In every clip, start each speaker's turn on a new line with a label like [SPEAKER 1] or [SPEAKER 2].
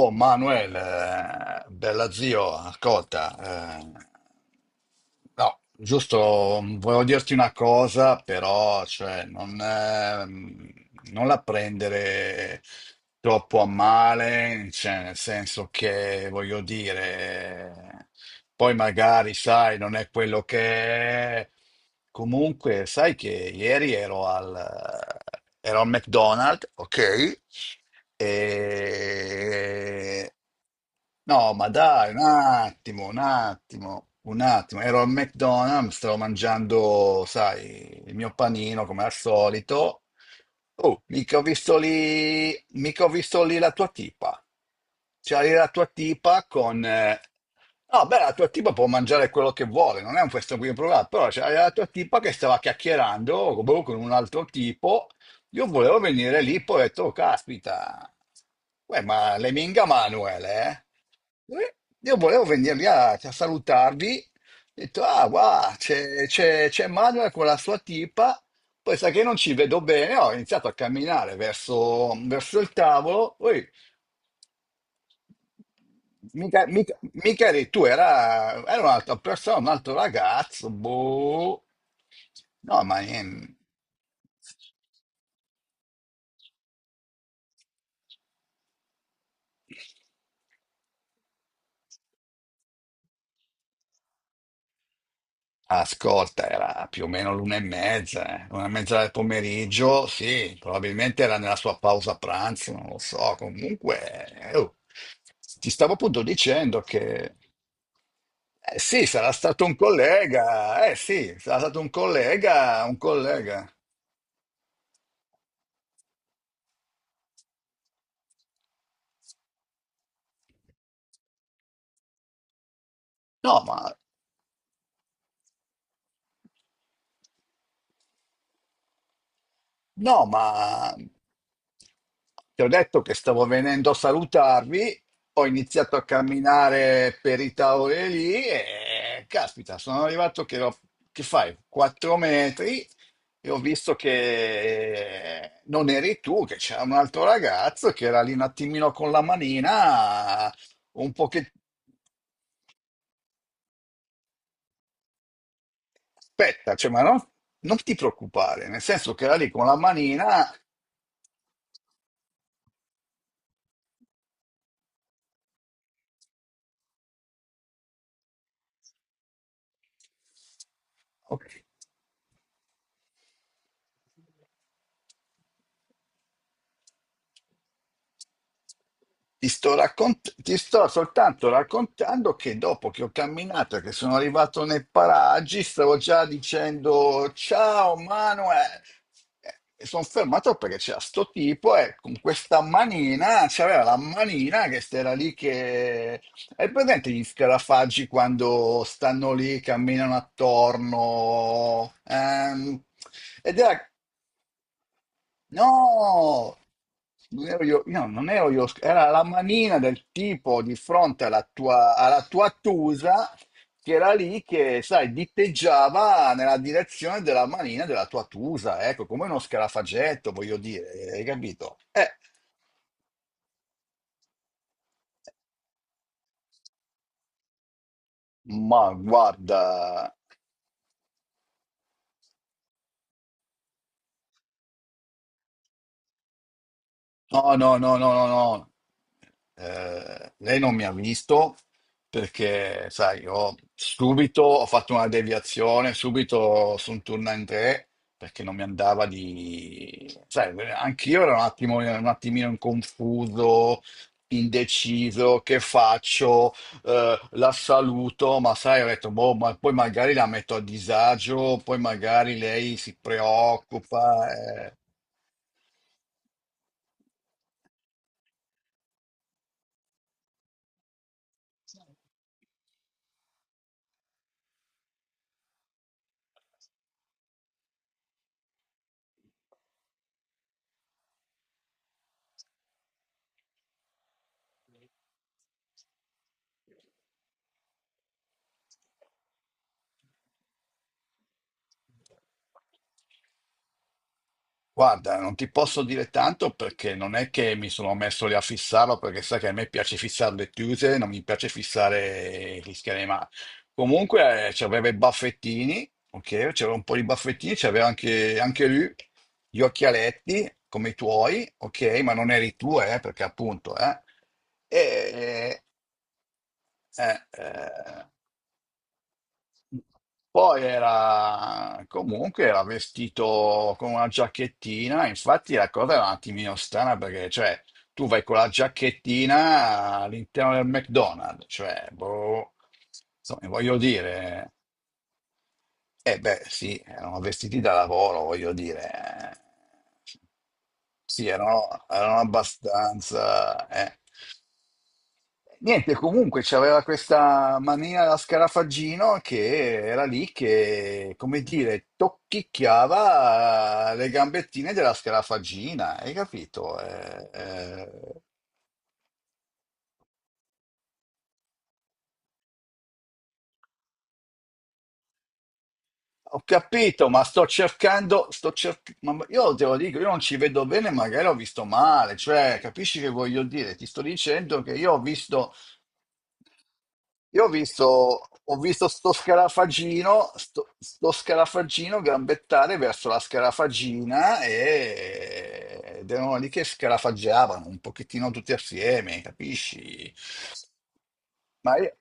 [SPEAKER 1] Oh Manuel, bella zio, ascolta, no, giusto, volevo dirti una cosa, però, cioè, non la prendere troppo a male, cioè, nel senso che, voglio dire, poi magari, sai, non è quello che è. Comunque, sai che ieri ero al McDonald's, ok? E no, ma dai, un attimo, un attimo, un attimo. Ero al McDonald's, stavo mangiando, sai, il mio panino come al solito. Oh, mica ho visto lì la tua tipa. C'era lì la tua tipa con... no, beh, la tua tipa può mangiare quello che vuole, non è un questo qui problema, però c'era la tua tipa che stava chiacchierando boh, con un altro tipo. Io volevo venire lì, poi ho detto, "Oh, caspita, uè, ma le minga Manuel, eh?" Eh, Io volevo venire lì a salutarvi, ho detto, ah, guarda, c'è Manuel con la sua tipa, poi sa che non ci vedo bene, ho iniziato a camminare verso il tavolo, poi mica eri tu, era un'altra persona, un altro ragazzo, boh, no, ma... Ascolta, era più o meno l'una e mezza, eh. Una e mezza del pomeriggio, sì, probabilmente era nella sua pausa pranzo, non lo so. Comunque, oh, ti stavo appunto dicendo che sì, sarà stato un collega, eh sì, sarà stato un collega, un collega. No, ma No, ma ti ho detto che stavo venendo a salutarvi, ho iniziato a camminare per i tavoli lì e caspita, sono arrivato che, che fai, 4 metri e ho visto che non eri tu, che c'era un altro ragazzo che era lì un attimino con la manina, un po' che... Aspetta, cioè, ma non ti preoccupare, nel senso che era lì con la manina... Ti sto soltanto raccontando che dopo che ho camminato, e che sono arrivato nei paraggi, stavo già dicendo ciao Manuel. E sono fermato perché c'era sto tipo e con questa manina, c'aveva la manina che era lì che... Hai presente gli scarafaggi quando stanno lì, camminano attorno? Ed era No, non ero io non ero io, era la manina del tipo di fronte alla tua Tusa che era lì che, sai, diteggiava nella direzione della manina della tua Tusa, ecco, come uno scarafagetto, voglio dire, hai capito? Ma guarda. No, no, no, no, no, no. Lei non mi ha visto perché, sai, io subito ho fatto una deviazione, subito sono tornato in tre perché non mi andava di... Sai, anch'io ero un attimino in confuso, indeciso, che faccio? La saluto, ma sai, ho detto, boh, ma poi magari la metto a disagio, poi magari lei si preoccupa. Eh. Guarda, non ti posso dire tanto perché non è che mi sono messo lì a fissarlo, perché sai che a me piace fissare le chiuse, non mi piace fissare gli schemi, ma comunque c'aveva i baffettini, ok? C'aveva un po' di baffettini, c'aveva anche, anche lui gli occhialetti come i tuoi, ok? Ma non eri tu, perché appunto, eh. E, eh, eh, poi era, comunque, era vestito con una giacchettina, infatti la cosa era un attimino strana perché cioè tu vai con la giacchettina all'interno del McDonald's, cioè boh, insomma, voglio dire, eh beh, sì, erano vestiti da lavoro, voglio dire. Eh. Sì, erano abbastanza.... Niente, comunque c'aveva questa mania da scarafaggino che era lì che, come dire, tocchicchiava le gambettine della scarafaggina, hai capito? Ho capito, ma sto cercando, ma io te lo dico, io non ci vedo bene, magari ho visto male, cioè, capisci che voglio dire? Ti sto dicendo che ho visto sto scarafaggino, sto scarafaggino gambettare verso la scarafagina e... ed erano lì che scarafaggiavano un pochettino tutti assieme, capisci? Ma io-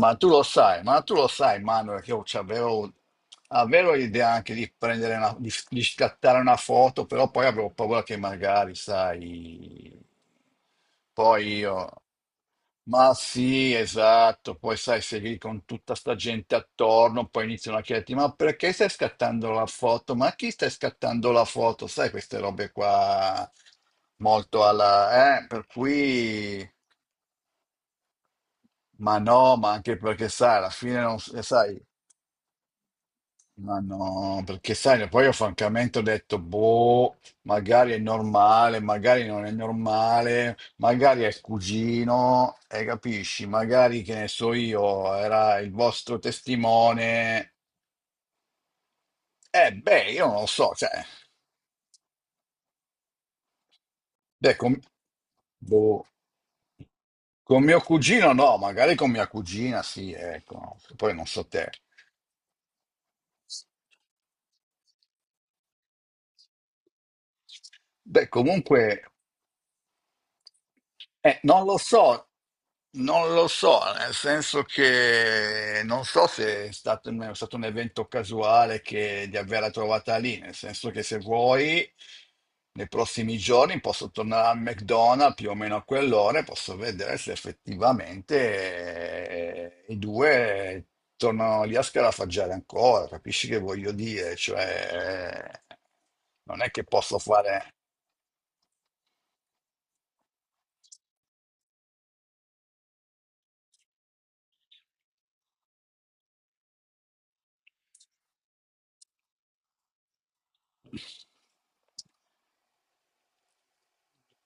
[SPEAKER 1] Ma tu lo sai, ma tu lo sai, Manuel, che io avevo l'idea anche di prendere una, di scattare una foto, però poi avevo paura che magari, sai, poi io, ma sì, esatto, poi sai, sei lì con tutta sta gente attorno, poi iniziano a chiederti, ma perché stai scattando la foto? Ma a chi stai scattando la foto? Sai, queste robe qua, molto alla, per cui... Ma no, ma anche perché sai, alla fine non sai, ma no, perché sai, poi io francamente ho detto, boh, magari è normale, magari non è normale, magari è il cugino, e capisci, magari che ne so io, era il vostro testimone. Beh, io non lo so, cioè, beh, con, boh, con mio cugino no, magari con mia cugina sì, ecco, poi non so te. Beh, comunque non lo so, non lo so, nel senso che non so se è stato un evento casuale che, di averla trovata lì, nel senso che se vuoi, nei prossimi giorni posso tornare al McDonald's più o meno a quell'ora e posso vedere se effettivamente i due tornano lì a scarafaggiare ancora, capisci che voglio dire? Cioè, non è che posso fare...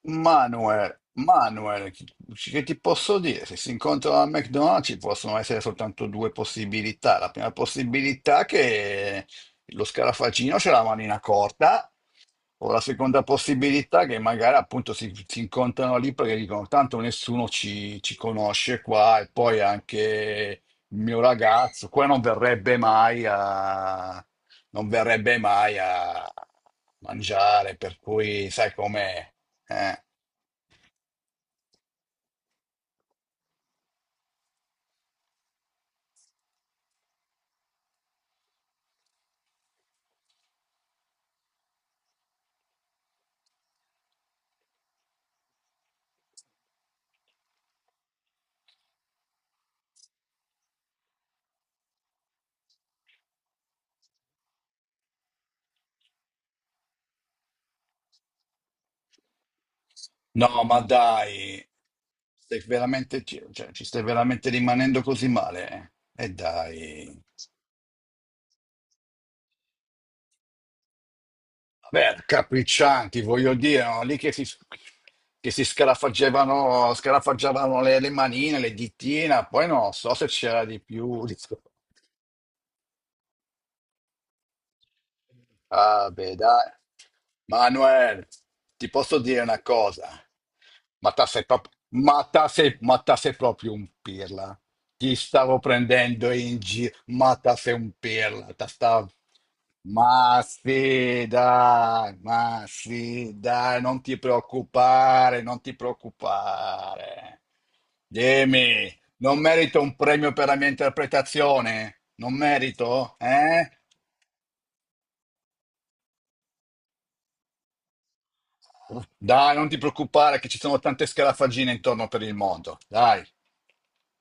[SPEAKER 1] Manuel, Manuel, che ti posso dire? Se si incontrano al McDonald's ci possono essere soltanto due possibilità. La prima possibilità è che lo scarafaggino c'è la manina corta, o la seconda possibilità è che magari appunto si incontrano lì perché dicono tanto nessuno ci conosce qua e poi anche il mio ragazzo qua non verrebbe mai a mangiare, per cui sai com'è. Eh. No, ma dai, stai veramente, ci cioè, ci stai veramente rimanendo così male? E dai. Vabbè, capriccianti, voglio dire, no? Lì che che si scarafaggiavano le manine, le dittine, poi non so se c'era di più. Ah, beh, dai. Manuel, ti posso dire una cosa? Ma te sei proprio, ma te sei proprio un pirla. Ti stavo prendendo in giro, ma te sei un pirla. Te stavo... ma sì, dai, non ti preoccupare, non ti preoccupare. Dimmi, non merito un premio per la mia interpretazione? Non merito? Eh? Dai, non ti preoccupare che ci sono tante scarafaggine intorno per il mondo. Dai.